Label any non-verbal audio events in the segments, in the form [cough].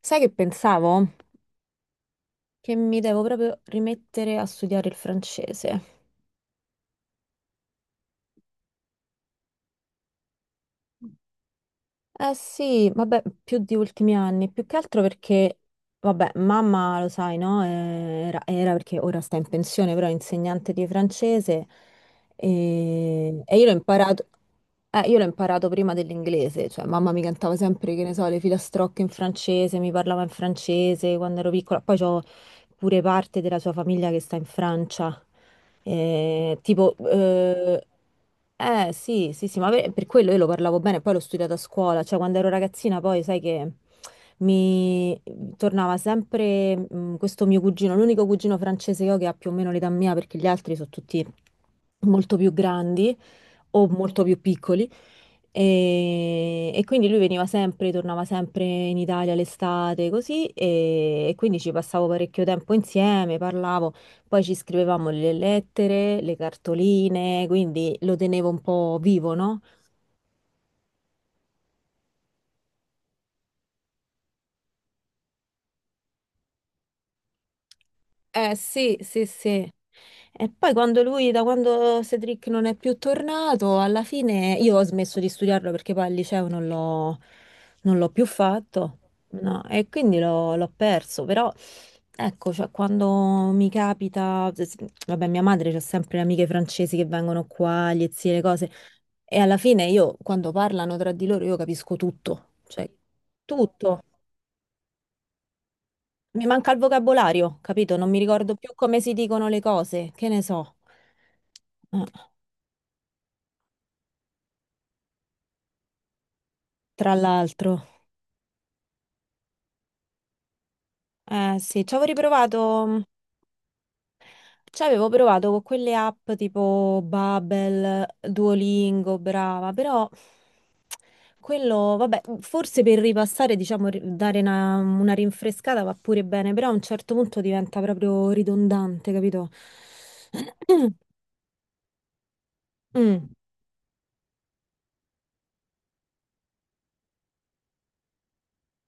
Sai che pensavo? Che mi devo proprio rimettere a studiare il francese. Eh sì, vabbè, più di ultimi anni, più che altro perché, vabbè, mamma lo sai, no? Era perché ora sta in pensione, però è insegnante di francese e io l'ho imparato prima dell'inglese, cioè mamma mi cantava sempre, che ne so, le filastrocche in francese, mi parlava in francese quando ero piccola, poi ho pure parte della sua famiglia che sta in Francia. Tipo, sì, sì, sì, ma per quello io lo parlavo bene, poi l'ho studiato a scuola, cioè quando ero ragazzina poi sai che mi tornava sempre questo mio cugino, l'unico cugino francese che ho che ha più o meno l'età mia perché gli altri sono tutti molto più grandi o molto più piccoli e quindi lui veniva sempre, tornava sempre in Italia l'estate, così, e quindi ci passavo parecchio tempo insieme, parlavo, poi ci scrivevamo le lettere, le cartoline, quindi lo tenevo un po' vivo, no? Eh sì, sì, sì. E poi quando lui, da quando Cedric non è più tornato, alla fine io ho smesso di studiarlo perché poi al liceo non l'ho più fatto, no, e quindi l'ho perso, però ecco, cioè, quando mi capita, vabbè, mia madre c'ha sempre le amiche francesi che vengono qua, gli zii, le cose, e alla fine io quando parlano tra di loro io capisco tutto, cioè tutto mi manca il vocabolario, capito? Non mi ricordo più come si dicono le cose, che ne so. Eh, Tra l'altro, eh sì, ci avevo provato con quelle app tipo Babbel, Duolingo, brava, però quello, vabbè, forse per ripassare, diciamo, dare una rinfrescata va pure bene, però a un certo punto diventa proprio ridondante, capito? [clears throat] Mm,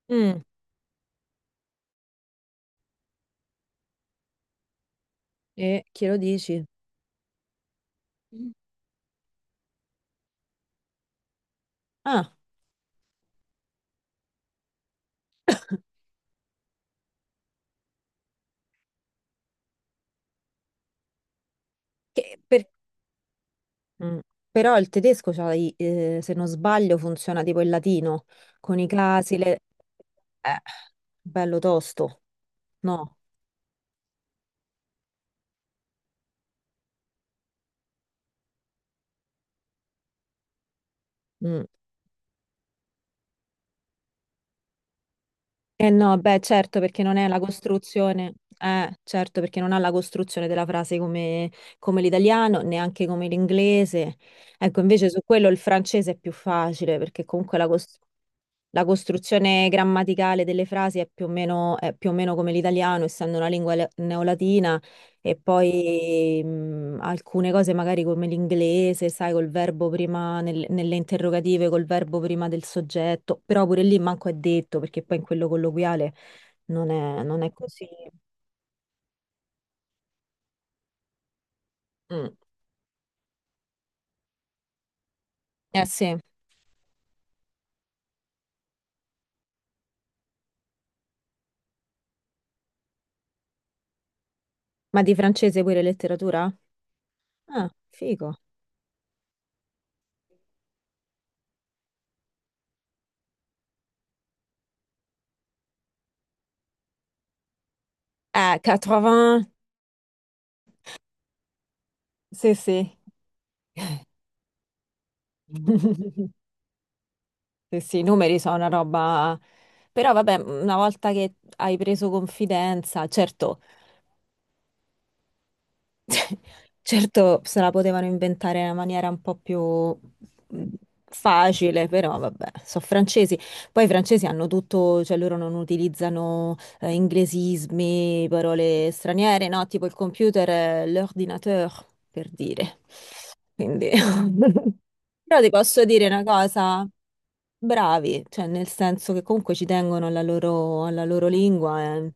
mm. E chi lo dici? Ah, che- per- Mm. Però il tedesco, c'ha se non sbaglio, funziona tipo il latino, con i casi, le... eh, bello tosto, no? Mm. Eh no, beh, certo, perché non è la costruzione, certo, perché non ha la costruzione della frase come l'italiano, neanche come l'inglese. Ecco, invece su quello il francese è più facile, perché comunque la costruzione... La costruzione grammaticale delle frasi è più o meno come l'italiano, essendo una lingua neolatina, e poi alcune cose magari come l'inglese, sai, col verbo prima nelle interrogative, col verbo prima del soggetto, però pure lì manco è detto, perché poi in quello colloquiale non è così. Mm. Eh sì, ma di francese pure letteratura? Ah, figo. 80, sì, sì. [laughs] Sì, sì, i numeri sono una roba... Però vabbè, una volta che hai preso confidenza, certo. [laughs] Certo, se la potevano inventare in una maniera un po' più facile, però vabbè, sono francesi. Poi i francesi hanno tutto, cioè loro non utilizzano inglesismi, parole straniere, no? Tipo il computer, è l'ordinateur, per dire. Quindi... [laughs] Però ti posso dire una cosa, bravi, cioè nel senso che comunque ci tengono alla loro lingua, eh.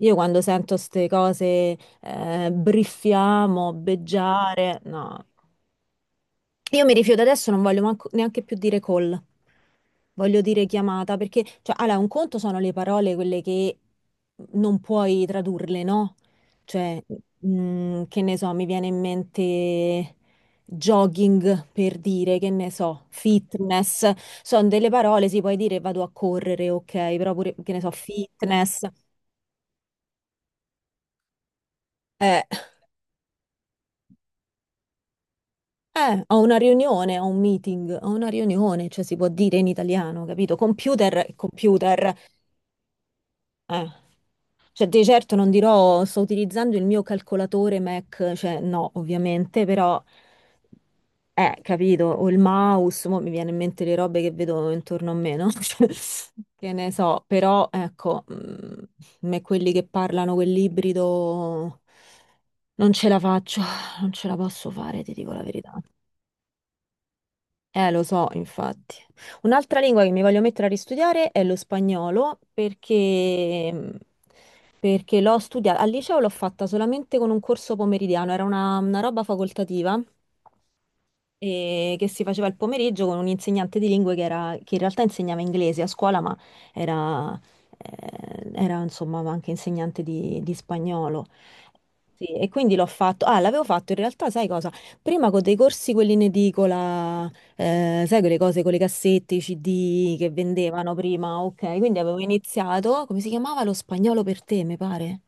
Io quando sento queste cose, briffiamo, beggiare, no. Io mi rifiuto adesso, non voglio neanche più dire call, voglio dire chiamata, perché, cioè, allora, un conto sono le parole, quelle che non puoi tradurle, no? Cioè, che ne so, mi viene in mente jogging per dire, che ne so, fitness, sono delle parole, si puoi dire vado a correre, ok, però pure, che ne so, fitness. Eh. Ho una riunione, ho un meeting, ho una riunione, cioè si può dire in italiano, capito? Computer è computer. Eh. Cioè, di certo non dirò sto utilizzando il mio calcolatore Mac, cioè no, ovviamente, però capito, o il mouse, mo mi viene in mente le robe che vedo intorno a me, no? [laughs] Cioè, che ne so, però ecco, a me quelli che parlano quell'ibrido non ce la faccio, non ce la posso fare, ti dico la verità. Lo so, infatti. Un'altra lingua che mi voglio mettere a ristudiare è lo spagnolo perché l'ho studiata al liceo l'ho fatta solamente con un corso pomeridiano, era una roba facoltativa e che si faceva il pomeriggio con un insegnante di lingue che, che in realtà insegnava inglese a scuola, ma era, era, insomma anche insegnante di spagnolo. Sì, e quindi l'ho fatto. Ah, l'avevo fatto in realtà, sai cosa? Prima con dei corsi, quelli in edicola, sai quelle cose con le cassette, i CD che vendevano prima, ok. Quindi avevo iniziato, come si chiamava? Lo spagnolo per te, mi pare.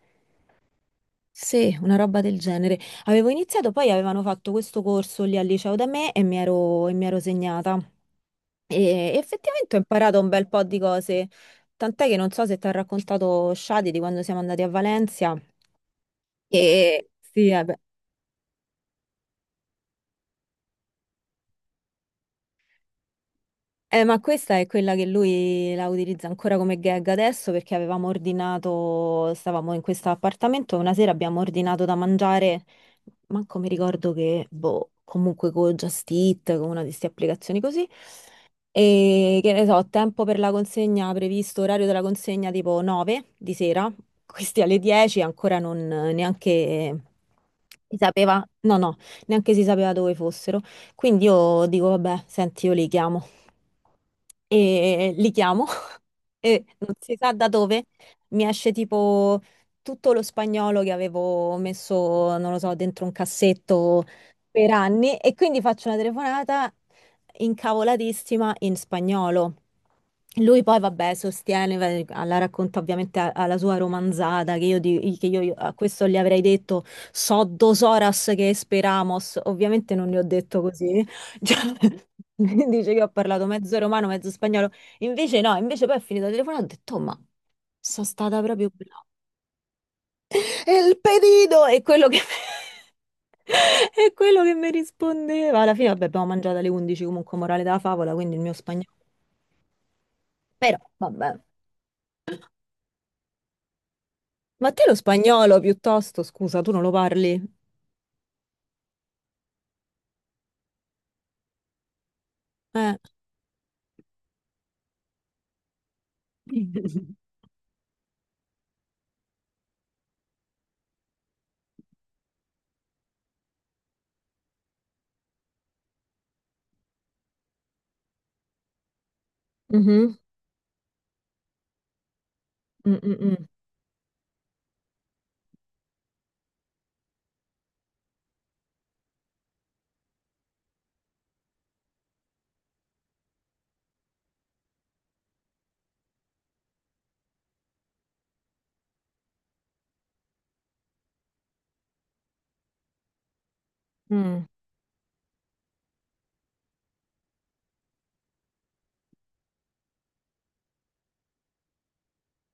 Sì, una roba del genere. Avevo iniziato, poi avevano fatto questo corso lì al liceo da me e mi ero segnata. E effettivamente ho imparato un bel po' di cose, tant'è che non so se ti ha raccontato Shadi di quando siamo andati a Valencia. E sì, eh beh. Ma questa è quella che lui la utilizza ancora come gag adesso perché avevamo ordinato, stavamo in questo appartamento, una sera abbiamo ordinato da mangiare, manco mi ricordo che, boh, comunque con Just Eat, con una di queste applicazioni così. E che ne so, tempo per la consegna previsto, orario della consegna tipo 9 di sera, [laughs] questi alle 10 ancora non neanche si sapeva, no, no, neanche si sapeva dove fossero. Quindi io dico, vabbè, senti, io li chiamo e li chiamo [laughs] e non si sa da dove mi esce tipo tutto lo spagnolo che avevo messo, non lo so, dentro un cassetto per anni e quindi faccio una telefonata incavolatissima in spagnolo. Lui poi, vabbè, sostiene, la racconta ovviamente alla sua romanzata, che io a questo gli avrei detto so dos horas que esperamos, ovviamente non gli ho detto così. Cioè, [laughs] dice che ho parlato mezzo romano, mezzo spagnolo. Invece no, invece poi ho finito il telefono e ho detto, "Oh, ma sono stata proprio brava." E il pedito [laughs] è quello che mi rispondeva. Alla fine, vabbè, abbiamo mangiato alle 11, comunque morale della favola, quindi il mio spagnolo. Però, vabbè. Ma te lo spagnolo piuttosto, scusa, tu non lo parli? Eh. [laughs] Mhm. Mm, mm, mm. Mm,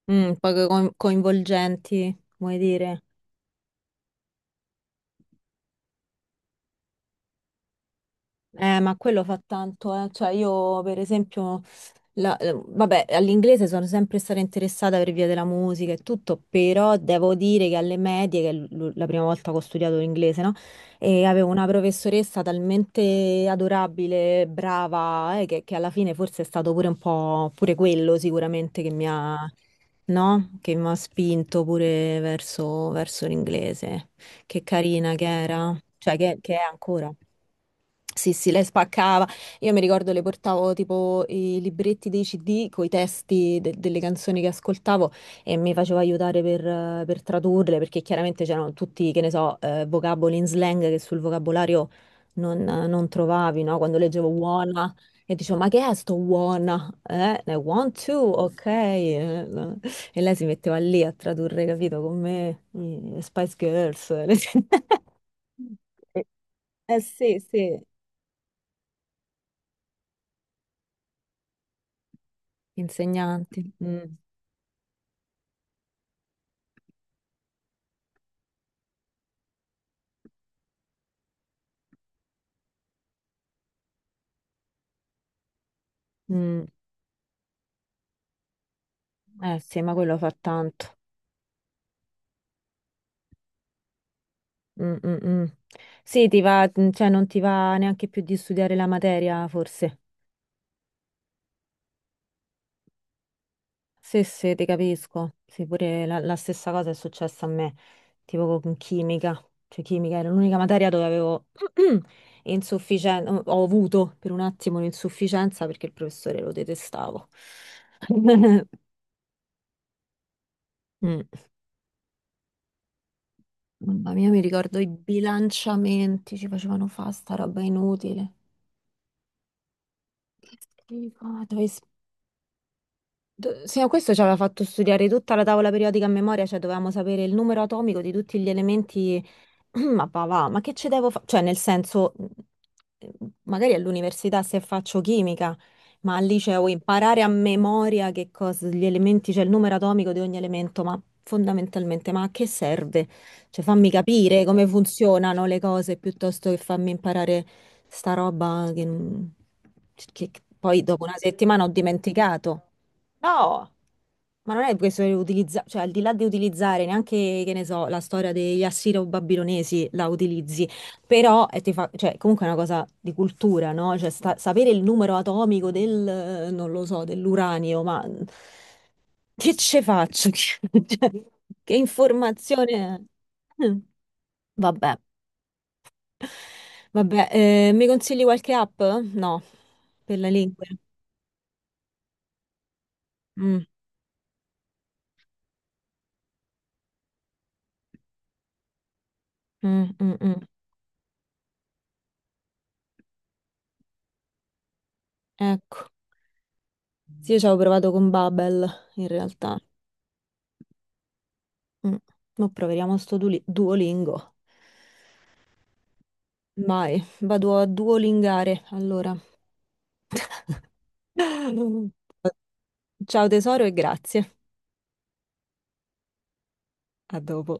poco coinvolgenti, vuoi dire? Ma quello fa tanto, eh. Cioè io per esempio, vabbè, all'inglese sono sempre stata interessata per via della musica e tutto, però devo dire che alle medie, che è la prima volta che ho studiato l'inglese, no? E avevo una professoressa talmente adorabile, brava, che alla fine forse è stato pure un po', pure quello sicuramente che mi ha, no? Che mi ha spinto pure verso l'inglese. Che carina che era, cioè che è ancora. Sì, sì, lei spaccava. Io mi ricordo le portavo tipo i libretti dei CD con i testi delle canzoni che ascoltavo e mi faceva aiutare per tradurle perché chiaramente c'erano tutti, che ne so, vocaboli in slang che sul vocabolario non trovavi, no? Quando leggevo wanna e dicevo, ma che è sto wanna? Want to, ok. No. E lei si metteva lì a tradurre, capito, con me, i Spice Girls. [laughs] Eh sì, sì. Insegnanti. Mm, mm. Eh sì, ma quello fa tanto. Mm, mm, mm. Sì, ti va, cioè non ti va neanche più di studiare la materia, forse. Sì, sì, ti capisco. Sì, pure la stessa cosa è successa a me, tipo con chimica. Cioè, chimica era l'unica materia dove avevo [clears throat] insufficienza, ho avuto per un attimo un'insufficienza perché il professore lo detestavo. [laughs] Mm. Mamma mia, mi ricordo i bilanciamenti, ci facevano fare sta roba inutile. Che schifo, sì, ma questo ci aveva fatto studiare tutta la tavola periodica a memoria, cioè dovevamo sapere il numero atomico di tutti gli elementi. [clears throat] Ma va, va, ma che ci devo fare? Cioè, nel senso, eh, magari all'università se faccio chimica, ma al liceo imparare a memoria che cosa, gli elementi, cioè il numero atomico di ogni elemento, ma fondamentalmente, ma a che serve? Cioè, fammi capire come funzionano le cose piuttosto che farmi imparare sta roba che, non- che poi dopo una settimana ho dimenticato. No, ma non è questo che utilizza, cioè al di là di utilizzare neanche, che ne so, la storia degli assiro-babilonesi la utilizzi, però cioè, comunque è una cosa di cultura, no? Cioè sapere il numero atomico del, non lo so, dell'uranio, ma che ce faccio? [laughs] Cioè, che informazione è? Mm. Vabbè, vabbè, mi consigli qualche app? No, per la lingua. Mm, mm, mm, mm. Ecco. Sì, io ci avevo provato con Babel, in realtà. Mm. Ma proveremo sto Duolingo. Vai, vado a duolingare, allora. [laughs] Ciao tesoro e grazie. A dopo.